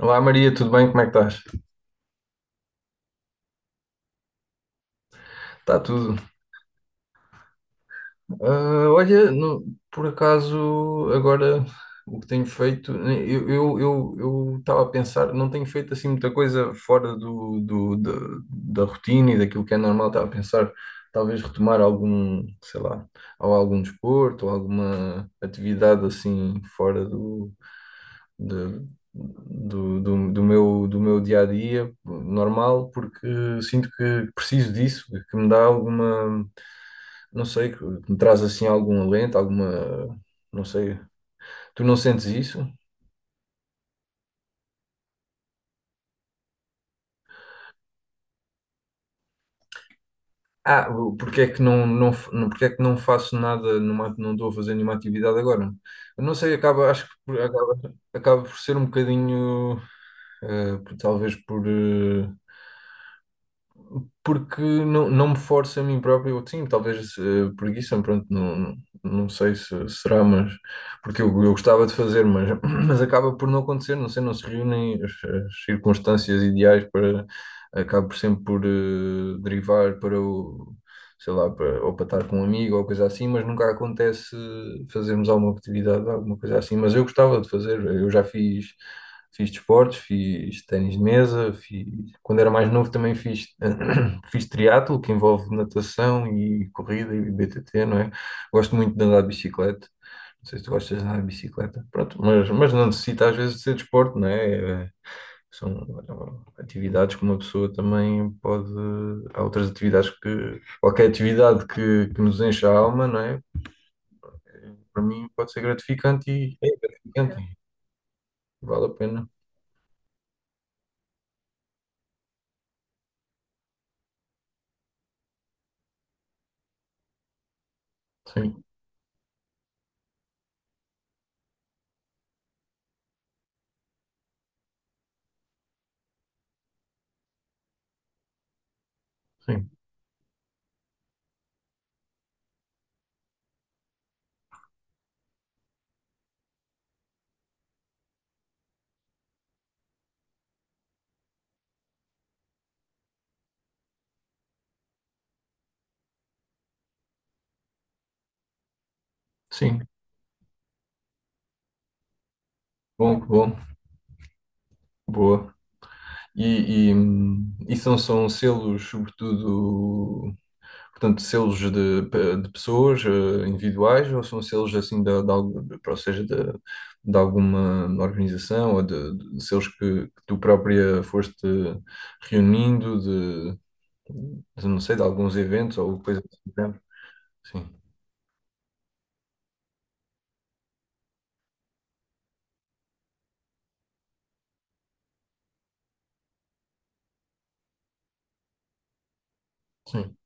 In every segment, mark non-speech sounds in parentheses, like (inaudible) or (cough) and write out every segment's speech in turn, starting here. Olá Maria, tudo bem? Como é que estás? Está tudo. Ah, olha, por acaso, agora o que tenho feito, eu estava a pensar, não tenho feito assim muita coisa fora da rotina e daquilo que é normal, estava a pensar talvez retomar algum, sei lá, ou algum desporto, ou alguma atividade assim fora do, de- do, do, do meu dia a dia normal, porque sinto que preciso disso, que me dá alguma. Não sei, que me traz assim algum alento, alguma. Não sei. Tu não sentes isso? Ah, porque é que não faço nada, não estou a fazer nenhuma atividade agora? Eu não sei, acho que acaba por ser um bocadinho, talvez porque não me forço a mim próprio, ou sim, talvez preguiça, pronto, não, não sei se será, mas porque eu gostava de fazer, mas, (clears throat) mas acaba por não acontecer, não sei, não se reúnem as circunstâncias ideais para, acabo por sempre derivar para o, sei lá, para, ou para estar com um amigo ou coisa assim, mas nunca acontece fazermos alguma atividade, alguma coisa assim, mas eu gostava de fazer, eu já fiz. Fiz desportos, fiz ténis de mesa, fiz, quando era mais novo também fiz (clears throat) fiz triatlo, que envolve natação e corrida e BTT, não é? Gosto muito de andar de bicicleta. Não sei se tu gostas de andar de bicicleta. Pronto, mas não necessita às vezes de ser desporto, não é? São atividades que uma pessoa também pode. Há outras atividades que. Qualquer atividade que nos enche a alma, não é? Para mim pode ser gratificante e é gratificante. Vale a pena. Sim, sim, sim. Bom, bom, boa. E são selos, sobretudo, portanto, selos de pessoas individuais ou são selos assim, ou seja, de alguma organização ou de selos que tu própria foste reunindo não sei, de alguns eventos ou coisa assim, do género? Sim, sim,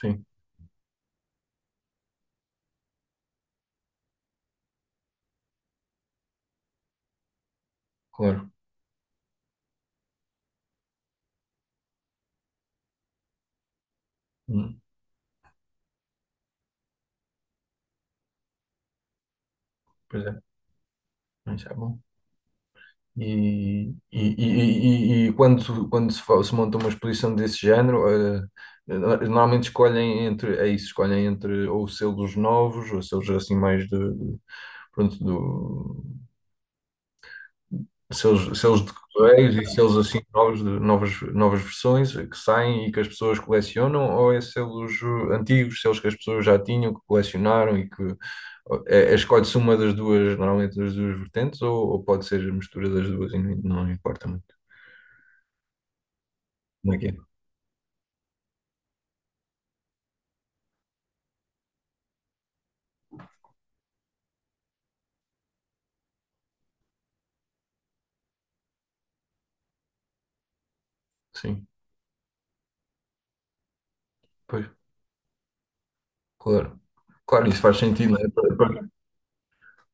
sim, claro. Hum, pois é, mas é bom. E quando, quando se monta uma exposição desse género, normalmente escolhem entre, é isso, escolhem entre ou selos novos, ou selos assim mais de, pronto, do, selos de correios e selos assim novos, de novas versões que saem e que as pessoas colecionam, ou é selos antigos, selos que as pessoas já tinham, que colecionaram e que escolhe-se uma das duas, normalmente das duas vertentes, ou pode ser a mistura das duas e não importa muito. Como é que é? Sim, pois, claro. Claro, isso faz sentido, né? Para, para-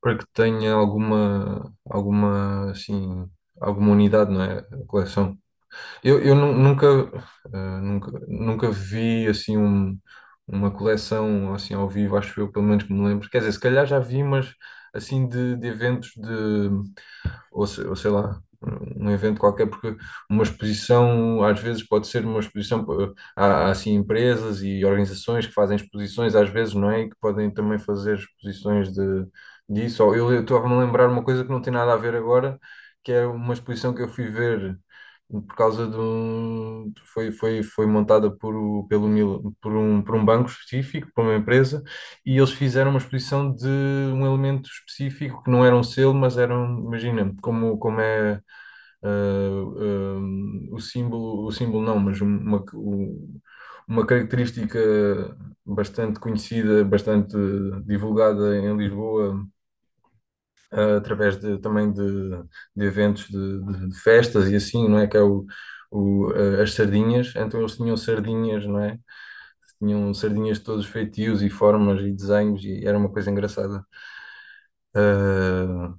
para que tenha assim, alguma unidade, não é? A coleção. Eu nu- nunca, eh, nunca, nunca vi, assim, uma coleção, assim, ao vivo, acho eu, pelo menos que me lembro. Quer dizer, se calhar já vi, mas, assim, de, eventos de, ou, se- ou sei lá, um evento qualquer, porque uma exposição às vezes pode ser uma exposição, há assim empresas e organizações que fazem exposições às vezes, não é? E que podem também fazer exposições disso. Ou eu estava-me a lembrar uma coisa que não tem nada a ver agora, que é uma exposição que eu fui ver por causa de um foi montada por o- pelo Mil- por um banco específico, por uma empresa e eles fizeram uma exposição de um elemento específico que não era um selo, mas era um, imagina, como é o símbolo não, mas uma característica bastante conhecida, bastante divulgada em Lisboa, através de, também de eventos de festas e assim, não é? Que é as sardinhas. Então eles tinham sardinhas, não é? Tinham sardinhas de todos os feitios e formas e desenhos e era uma coisa engraçada. Ah,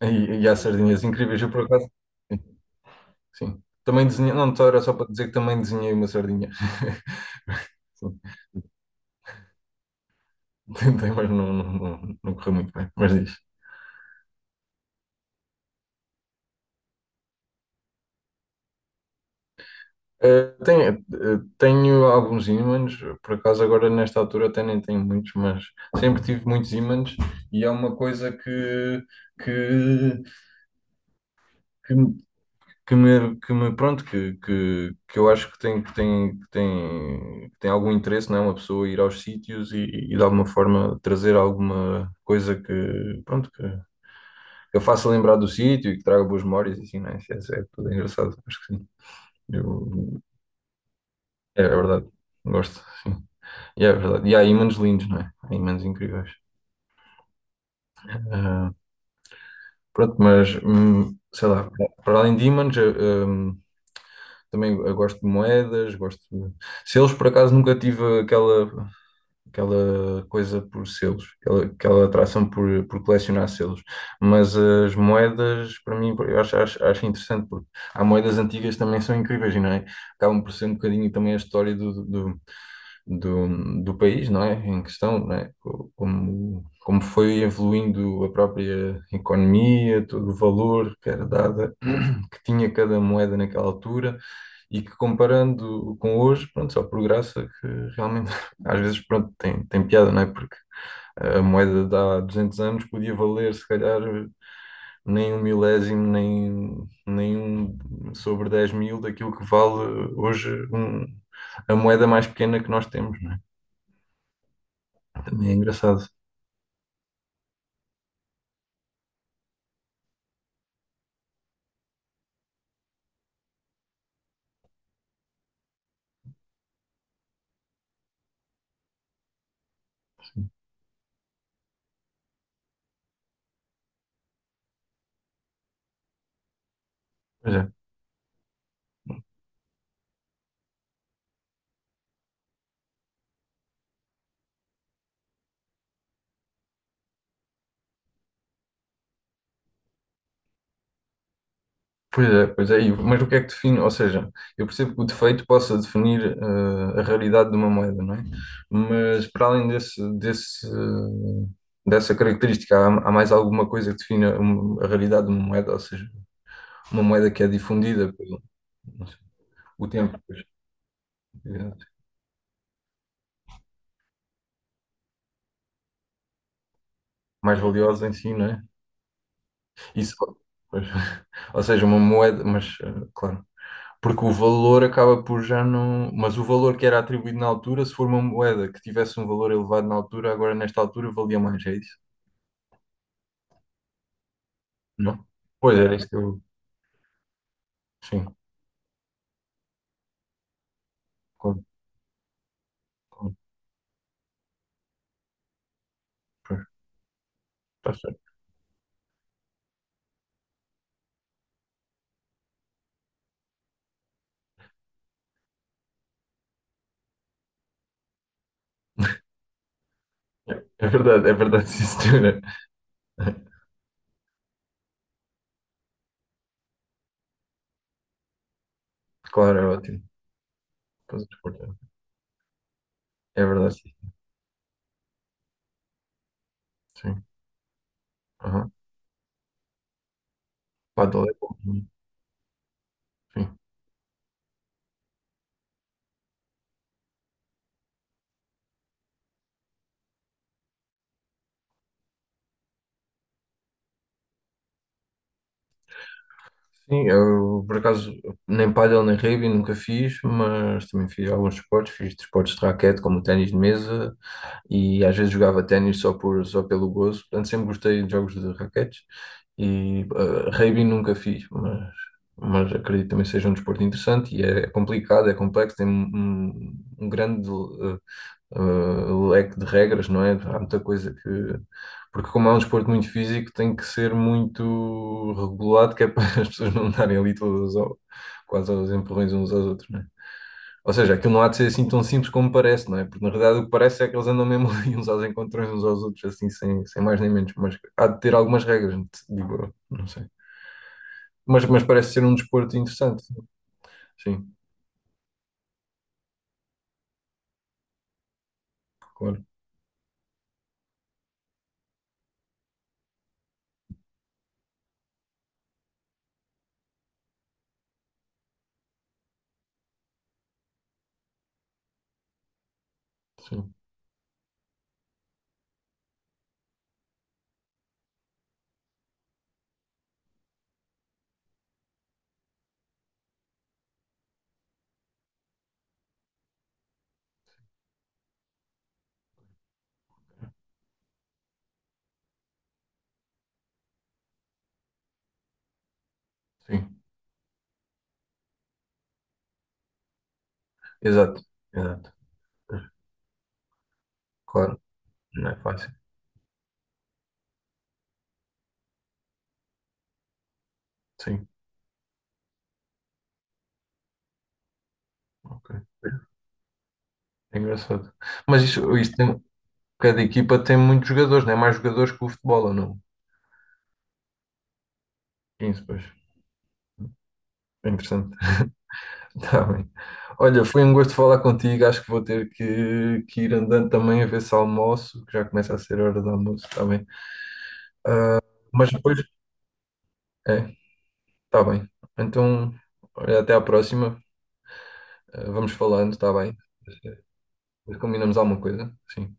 e há sardinhas incríveis. Eu, por acaso, sim. Sim. Também desenhei, não, só era só para dizer que também desenhei uma sardinha. (laughs) Sim, tentei, mas não, não, não, não correu muito bem. Mas diz. Tenho alguns ímãs, por acaso agora nesta altura até nem tenho muitos, mas sempre tive muitos ímãs e é uma coisa que, que, me, pronto, que eu acho que tem algum interesse, não é? Uma pessoa ir aos sítios e de alguma forma trazer alguma coisa pronto, que a faça lembrar do sítio e que traga boas memórias e assim, não é? Isso é tudo engraçado, acho que sim. Eu, é verdade, gosto, sim. E é verdade. E há ímãs lindos, não é? Há ímãs incríveis. Ah, pronto, mas sei lá, para além de ímãs, hum, também eu gosto de moedas, gosto de selos, por acaso nunca tive aquela, coisa por selos, aquela atração por colecionar selos. Mas as moedas, para mim, eu acho interessante, porque há moedas antigas que também são incríveis, não é? Acabam por ser um bocadinho também a história do país, não é? Em questão, não é? Como foi evoluindo a própria economia, todo o valor que era dada, (clears throat) que tinha cada moeda naquela altura, e que comparando com hoje, pronto, só por graça que realmente (laughs) às vezes, pronto, tem piada, não é? Porque a moeda de há 200 anos podia valer, se calhar, nem um milésimo, nem um sobre 10 mil daquilo que vale hoje a moeda mais pequena que nós temos. Também é engraçado. Pois é, pois é, pois é. E mas o que é que define? Ou seja, eu percebo que o defeito possa definir a raridade de uma moeda, não é? Mas para além dessa característica, há mais alguma coisa que define a raridade de uma moeda? Ou seja, uma moeda que é difundida pelo, não sei, o tempo, pois, eh, mais valiosa em si, não é? Isso, pois. (laughs) Ou seja, uma moeda, mas claro. Porque o valor acaba por já não. Mas o valor que era atribuído na altura, se for uma moeda que tivesse um valor elevado na altura, agora nesta altura valia mais, é isso? Não? Pois era isso que eu. Sim. Com, com, pois, tá certo. É é verdade, é verdade, sim, senhora. (laughs) Claro, é ótimo. Pois, portanto, é verdade, sim. Sim. Aham. Paddle é bom. Sim. Sim, eu por acaso nem paddle nem rugby nunca fiz, mas também fiz alguns esportes. Fiz desportos de raquete, como o ténis de mesa, e às vezes jogava ténis só pelo gozo. Portanto, sempre gostei de jogos de raquetes e rugby nunca fiz, mas acredito que também seja um desporto interessante e é complicado, é complexo, tem um grande leque de regras, não é? Há muita coisa que. Porque, como é um desporto muito físico, tem que ser muito regulado, que é para (laughs) as pessoas não darem ali todas quase aos empurrões uns aos outros, ou seja, aquilo não há de ser assim tão simples como parece, não é? Porque na realidade o que parece é que eles andam mesmo (laughs) ali uns aos encontrões uns aos outros, assim, sem mais nem menos. Mas há de ter algumas regras, digo eu, não sei. Mas parece ser um desporto interessante. Sim, claro, sim, sim. Exato, exato. Claro, não é fácil. Sim, ok. É engraçado. Mas isto cada equipa tem muitos jogadores, não é? Mais jogadores que o futebol, ou não? Sim, pois. É interessante. Tá bem. Olha, foi um gosto falar contigo. Acho que vou ter que ir andando também a ver se almoço, que já começa a ser hora do almoço, está bem. Mas depois, é, tá bem. Então, olha, até à próxima. Vamos falando, tá bem? Combinamos alguma coisa? Sim.